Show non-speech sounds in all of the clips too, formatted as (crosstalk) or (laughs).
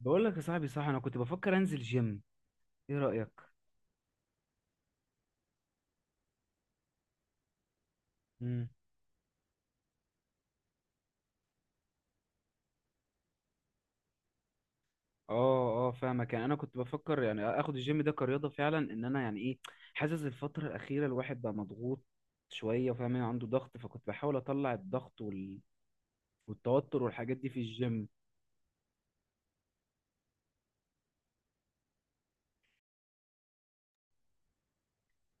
بقول لك يا صاحبي، صح، انا كنت بفكر انزل جيم. ايه رأيك؟ امم اه، فاهمك. يعني انا كنت بفكر يعني اخد الجيم ده كرياضة فعلا. ان انا يعني ايه، حاسس الفترة الأخيرة الواحد بقى مضغوط شوية، وفاهم يعني عنده ضغط، فكنت بحاول اطلع الضغط والتوتر والحاجات دي في الجيم.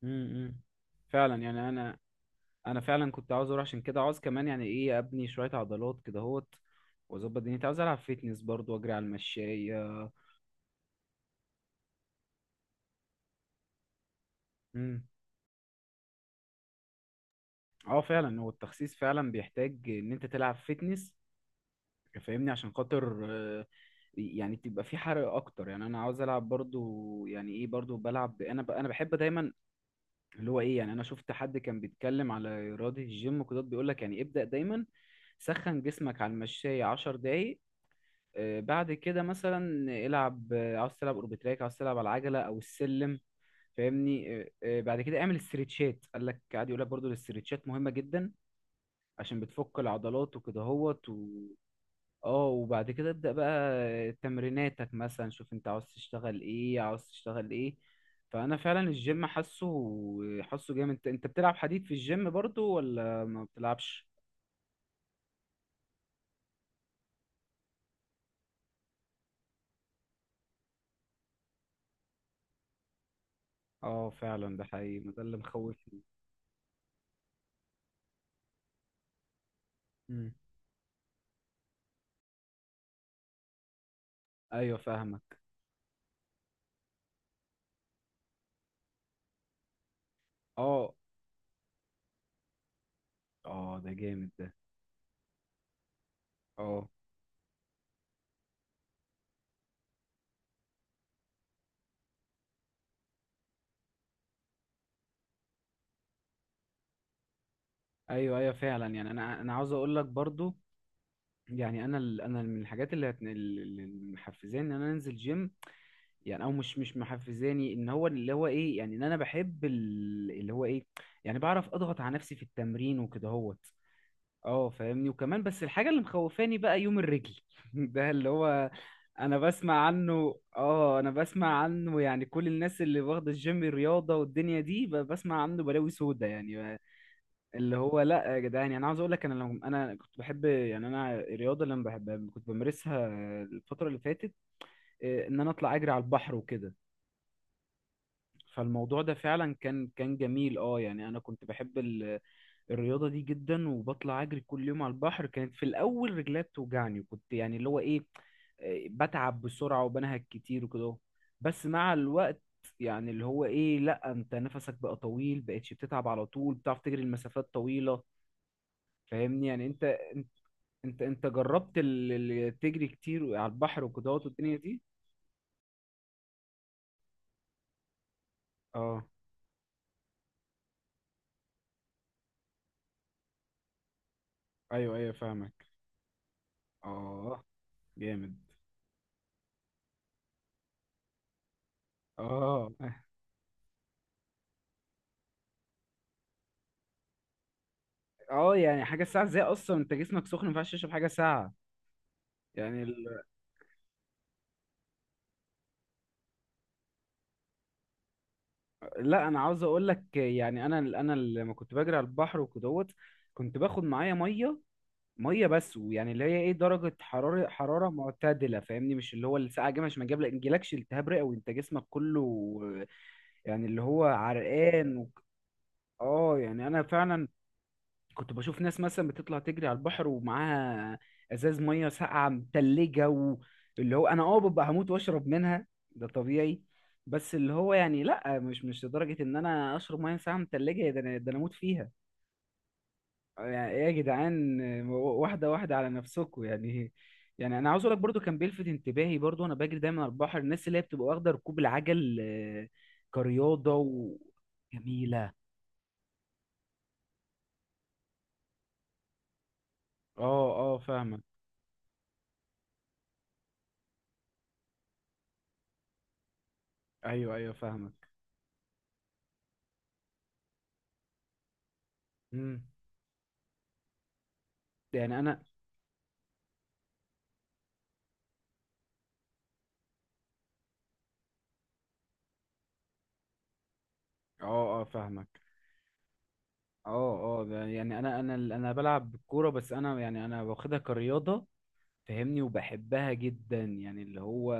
امم فعلا. يعني انا فعلا كنت عاوز اروح عشان كده. عاوز كمان يعني ايه ابني شوية عضلات كده اهوت، واظبط دنيتي. عاوز العب فيتنس برضو واجري على المشاية. امم اه فعلا، هو التخسيس فعلا بيحتاج ان انت تلعب فيتنس، فاهمني، عشان خاطر يعني تبقى في حرق اكتر. يعني انا عاوز العب برضو، يعني ايه، برضو بلعب انا انا بحب دايما اللي هو ايه، يعني انا شفت حد كان بيتكلم على رياضة الجيم وكده، بيقول لك يعني ابدأ دايما سخن جسمك على المشاية 10 دقايق، بعد كده مثلا العب، عاوز تلعب اوربتراك، عاوز تلعب على العجلة او السلم، فاهمني. بعد كده اعمل استريتشات. قال لك قاعد يقول لك برضو الاستريتشات مهمة جدا، عشان بتفك العضلات وكده هوت اه. وبعد كده ابدأ بقى تمريناتك، مثلا شوف انت عاوز تشتغل ايه، عاوز تشتغل ايه. فانا فعلا الجيم حاسه جامد. انت بتلعب حديد في الجيم برضو، ولا ما بتلعبش؟ اه فعلا، ده حقيقي، ما ده اللي مخوفني. مم. ايوه فاهمك. اه، اه، ده جامد ده. اه، ايوه، ايوه، فعلا. يعني انا عاوز اقول لك برضو، يعني انا انا من الحاجات اللي محفزاني ان انا انزل جيم، يعني. او مش محفزاني ان هو اللي هو ايه، يعني ان انا بحب اللي هو ايه، يعني بعرف اضغط على نفسي في التمرين وكده هوت، اه، فاهمني. وكمان بس الحاجه اللي مخوفاني بقى يوم الرجل (laughs) ده اللي هو، انا بسمع عنه. اه انا بسمع عنه، يعني كل الناس اللي واخده الجيم رياضه والدنيا دي بسمع عنه بلاوي سودا، يعني اللي هو. لا يا جدعان، يعني انا عاوز اقول لك، انا لو انا كنت بحب، يعني انا الرياضه اللي انا بحب كنت بمارسها الفتره اللي فاتت. ان انا اطلع اجري على البحر وكده. فالموضوع ده فعلا كان جميل. اه يعني انا كنت بحب الرياضه دي جدا، وبطلع اجري كل يوم على البحر. كانت في الاول رجلي بتوجعني، وكنت يعني اللي هو ايه، بتعب بسرعه وبنهج كتير وكده. بس مع الوقت يعني اللي هو ايه، لا، انت نفسك بقى طويل، بقتش بتتعب على طول، بتعرف تجري المسافات طويله. فاهمني، يعني انت. انت انت جربت تجري كتير على البحر وكده والدنيا دي؟ اه، ايوه، ايوه، فاهمك. اه جامد. اه (laughs) اه يعني حاجه ساعه ازاي؟ اصلا انت جسمك سخن، ما ينفعش تشرب حاجه ساعه. يعني لا انا عاوز اقول لك، يعني انا لما كنت بجري على البحر وكدهوت، كنت باخد معايا ميه. بس، ويعني اللي هي ايه، درجه حراره معتدله، فاهمني، مش اللي هو الساعه جامد، عشان ما يجيلكش التهاب رئوي، انت جسمك كله يعني اللي هو عرقان اه. يعني انا فعلا كنت بشوف ناس مثلا بتطلع تجري على البحر ومعاها ازاز ميه ساقعه متلجه، واللي هو انا، اه، ببقى هموت واشرب منها، ده طبيعي. بس اللي هو يعني لا، مش لدرجه ان انا اشرب ميه ساقعه متلجه، ده انا ده انا اموت فيها. يعني ايه يا جدعان؟ واحده واحده على نفسكم يعني. يعني انا عاوز اقول لك برضو، كان بيلفت انتباهي برضو، وانا بجري دايما على البحر، الناس اللي هي بتبقى واخده ركوب العجل كرياضه جميلة. اه، اه، فاهمك. ايوه، ايوه، فاهمك. امم يعني انا، اه، اه، فاهمك. اه، اه، ده يعني انا بلعب كوره، بس انا يعني انا واخدها كرياضه، فاهمني، وبحبها جدا. يعني اللي هو،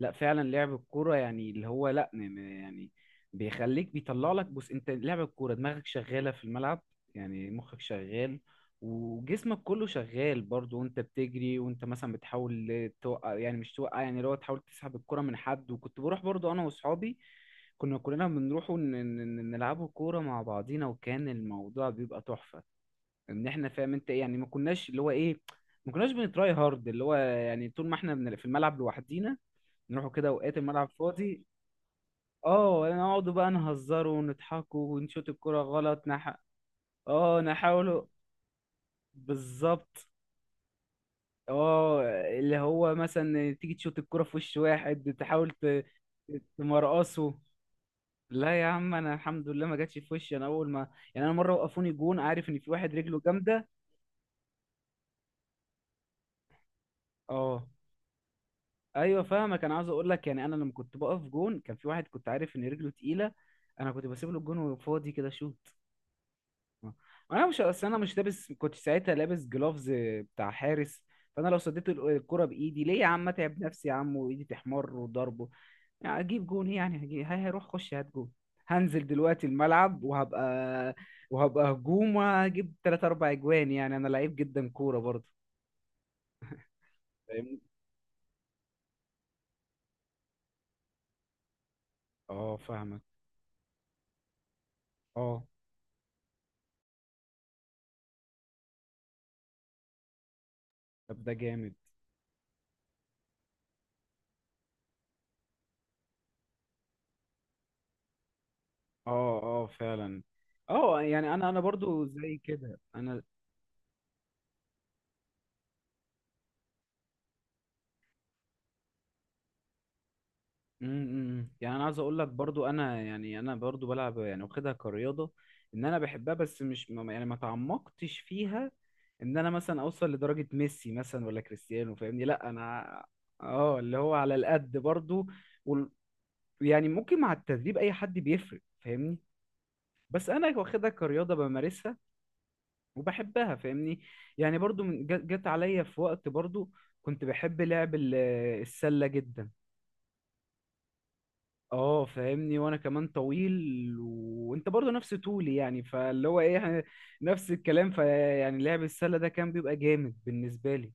لا فعلا لعب الكوره، يعني اللي هو لا، يعني بيخليك بيطلع لك. بص، انت لعب الكوره دماغك شغاله في الملعب، يعني مخك شغال، وجسمك كله شغال برضو، وانت بتجري وانت مثلا بتحاول توقع، يعني مش توقع، يعني اللي هو تحاول تسحب الكرة من حد. وكنت بروح برضو انا واصحابي، كنا كلنا بنروحوا نلعبوا كورة مع بعضينا، وكان الموضوع بيبقى تحفة، ان احنا فاهم انت ايه، يعني ما كناش اللي هو ايه، ما كناش بنتراي هارد اللي هو، يعني طول ما احنا في الملعب لوحدينا، نروحوا كده اوقات الملعب فاضي، اه، نقعدوا بقى نهزروا ونضحكوا ونشوط الكرة غلط اه، نحاولوا. بالظبط. اه اللي هو مثلا تيجي تشوط الكرة في وش واحد، تحاول تمرقصه. لا يا عم، انا الحمد لله ما جاتش في وشي. انا اول ما، يعني انا مره وقفوني جون، عارف ان في واحد رجله جامده. اه، ايوه، فاهمك. انا عاوز اقول لك، يعني انا لما كنت بقف جون، كان في واحد كنت عارف ان رجله تقيله، انا كنت بسيب له الجون وفاضي كده شوت. انا مش اصل انا مش لابس، كنت ساعتها لابس جلوفز بتاع حارس. فانا لو صديت الكرة بايدي، ليه يا عم اتعب نفسي يا عم وايدي تحمر وضربه؟ يعني اجيب جون، يعني، هجيب هي هيروح خش هات جون. هنزل دلوقتي الملعب وهبقى هجوم، وهجيب تلات اربع اجوان، يعني انا لعيب جدا كورة برضه. فاهمني. اه فاهمك. اه. طب ده جامد. اه، اه فعلا. اه يعني انا برضو زي كده انا، م- يعني انا عايز اقول لك برضو، انا يعني انا برضو بلعب، يعني واخدها كرياضه، ان انا بحبها. بس مش يعني ما تعمقتش فيها، ان انا مثلا اوصل لدرجه ميسي مثلا ولا كريستيانو، فاهمني. لا انا، اه، اللي هو على القد برضو. وال- يعني ممكن مع التدريب اي حد بيفرق، فاهمني. بس انا واخدها كرياضه بمارسها، وبحبها، فاهمني. يعني برضو جت عليا في وقت برضو كنت بحب لعب السلة جدا. اه، فاهمني. وانا كمان طويل، وانت برضو نفس طولي، يعني فاللي هو ايه (laughs) نفس الكلام. فيعني لعب السلة ده كان بيبقى جامد بالنسبة لي.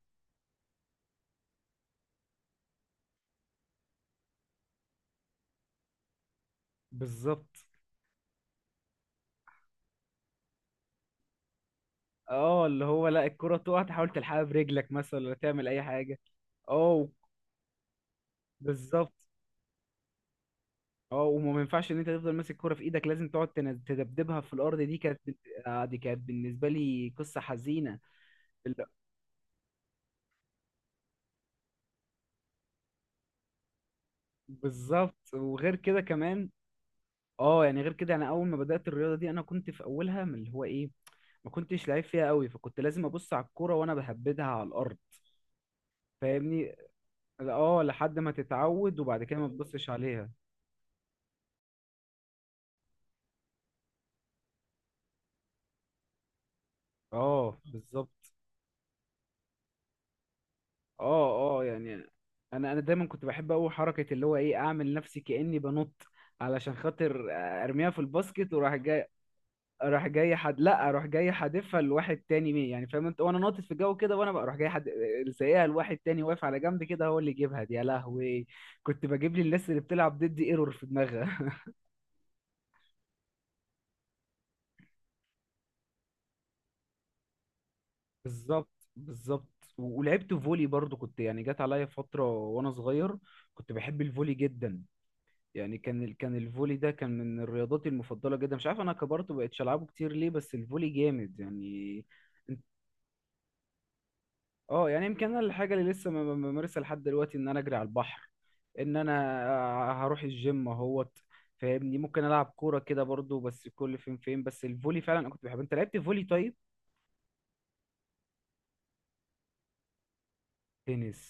بالظبط. اه اللي هو، لا الكرة تقع تحاول تلحقها برجلك مثلا، ولا تعمل اي حاجة. اه بالظبط. اه وما ما ينفعش ان انت تفضل ماسك كرة في ايدك، لازم تقعد تدبدبها في الارض. دي كانت دي كانت بالنسبة لي قصة حزينة. ال- بالظبط. وغير كده كمان، اه يعني غير كده، انا اول ما بدأت الرياضة دي، انا كنت في اولها من اللي هو ايه، ما كنتش لعيب فيها قوي، فكنت لازم ابص على الكرة وانا بهبدها على الارض، فاهمني. اه لحد ما تتعود، وبعد كده ما تبصش عليها. اه بالظبط. اه، اه، يعني انا دايما كنت بحب قوي حركه اللي هو ايه اعمل نفسي كاني بنط، علشان خاطر ارميها في الباسكت، وراح جاي، راح جاي حد، لا اروح جاي حادفها لواحد تاني مين، يعني فاهم انت، وانا ناطط في الجو كده، وانا بقى اروح جاي حد سايقها لواحد تاني واقف على جنب كده هو اللي يجيبها دي. يا لهوي، كنت بجيب لي الناس اللي بتلعب ضدي ايرور في دماغها (laughs) بالظبط. بالظبط. ولعبت فولي برضو. كنت يعني جت عليا فتره وانا صغير كنت بحب الفولي جدا. يعني كان كان الفولي ده كان من الرياضات المفضلة جدا. مش عارف انا كبرت وبقتش العبه كتير ليه، بس الفولي جامد يعني. إنت- اه، يعني يمكن انا الحاجة اللي لسه بمارسها لحد دلوقتي ان انا اجري على البحر، ان انا هروح الجيم اهوت، فاهمني. ممكن العب كورة كده برضو، بس كل فين فين. بس الفولي فعلا انا كنت بحب. انت لعبت فولي؟ طيب. تنس،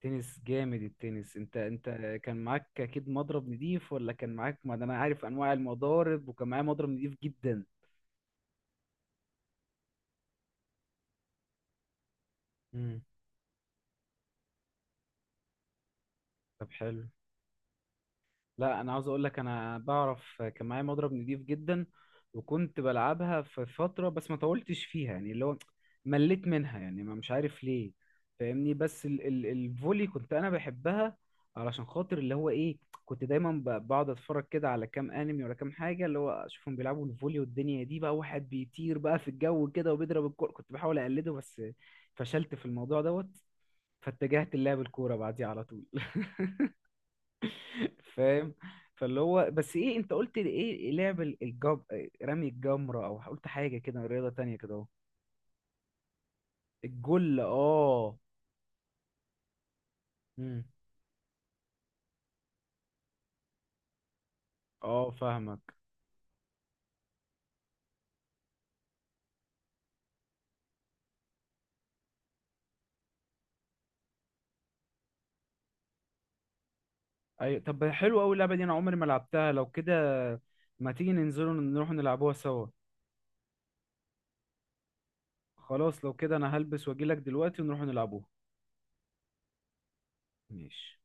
تنس جامد التنس. انت كان معاك اكيد مضرب نضيف، ولا كان معاك، ما ده انا عارف انواع المضارب، وكان معايا مضرب نضيف جدا. مم. طب حلو. لا انا عاوز اقول لك، انا بعرف كان معايا مضرب نضيف جدا، وكنت بلعبها في فتره، بس ما طولتش فيها، يعني اللي هو مليت منها يعني، ما مش عارف ليه، فاهمني. بس ال الفولي كنت انا بحبها، علشان خاطر اللي هو ايه، كنت دايما بقعد اتفرج كده على كام انمي ولا كام حاجه اللي هو اشوفهم بيلعبوا الفولي والدنيا دي بقى، واحد بيطير بقى في الجو كده وبيضرب الكوره، كنت بحاول اقلده، بس فشلت في الموضوع دوت، فاتجهت للعب الكوره بعديها على طول (laughs) فاهم. فاللي هو بس ايه، انت قلت لي ايه، لعب الجب، رمي الجمرة، او قلت حاجة كده رياضة تانية كده اهو؟ الجل، اه. امم اه فاهمك. ايوه طب حلو قوي اللعبة دي، انا عمري ما لعبتها. لو كده ما تيجي ننزلوا نروح نلعبوها سوا؟ خلاص لو كده انا هلبس واجيلك دلوقتي ونروح نلعبوها. ماشي.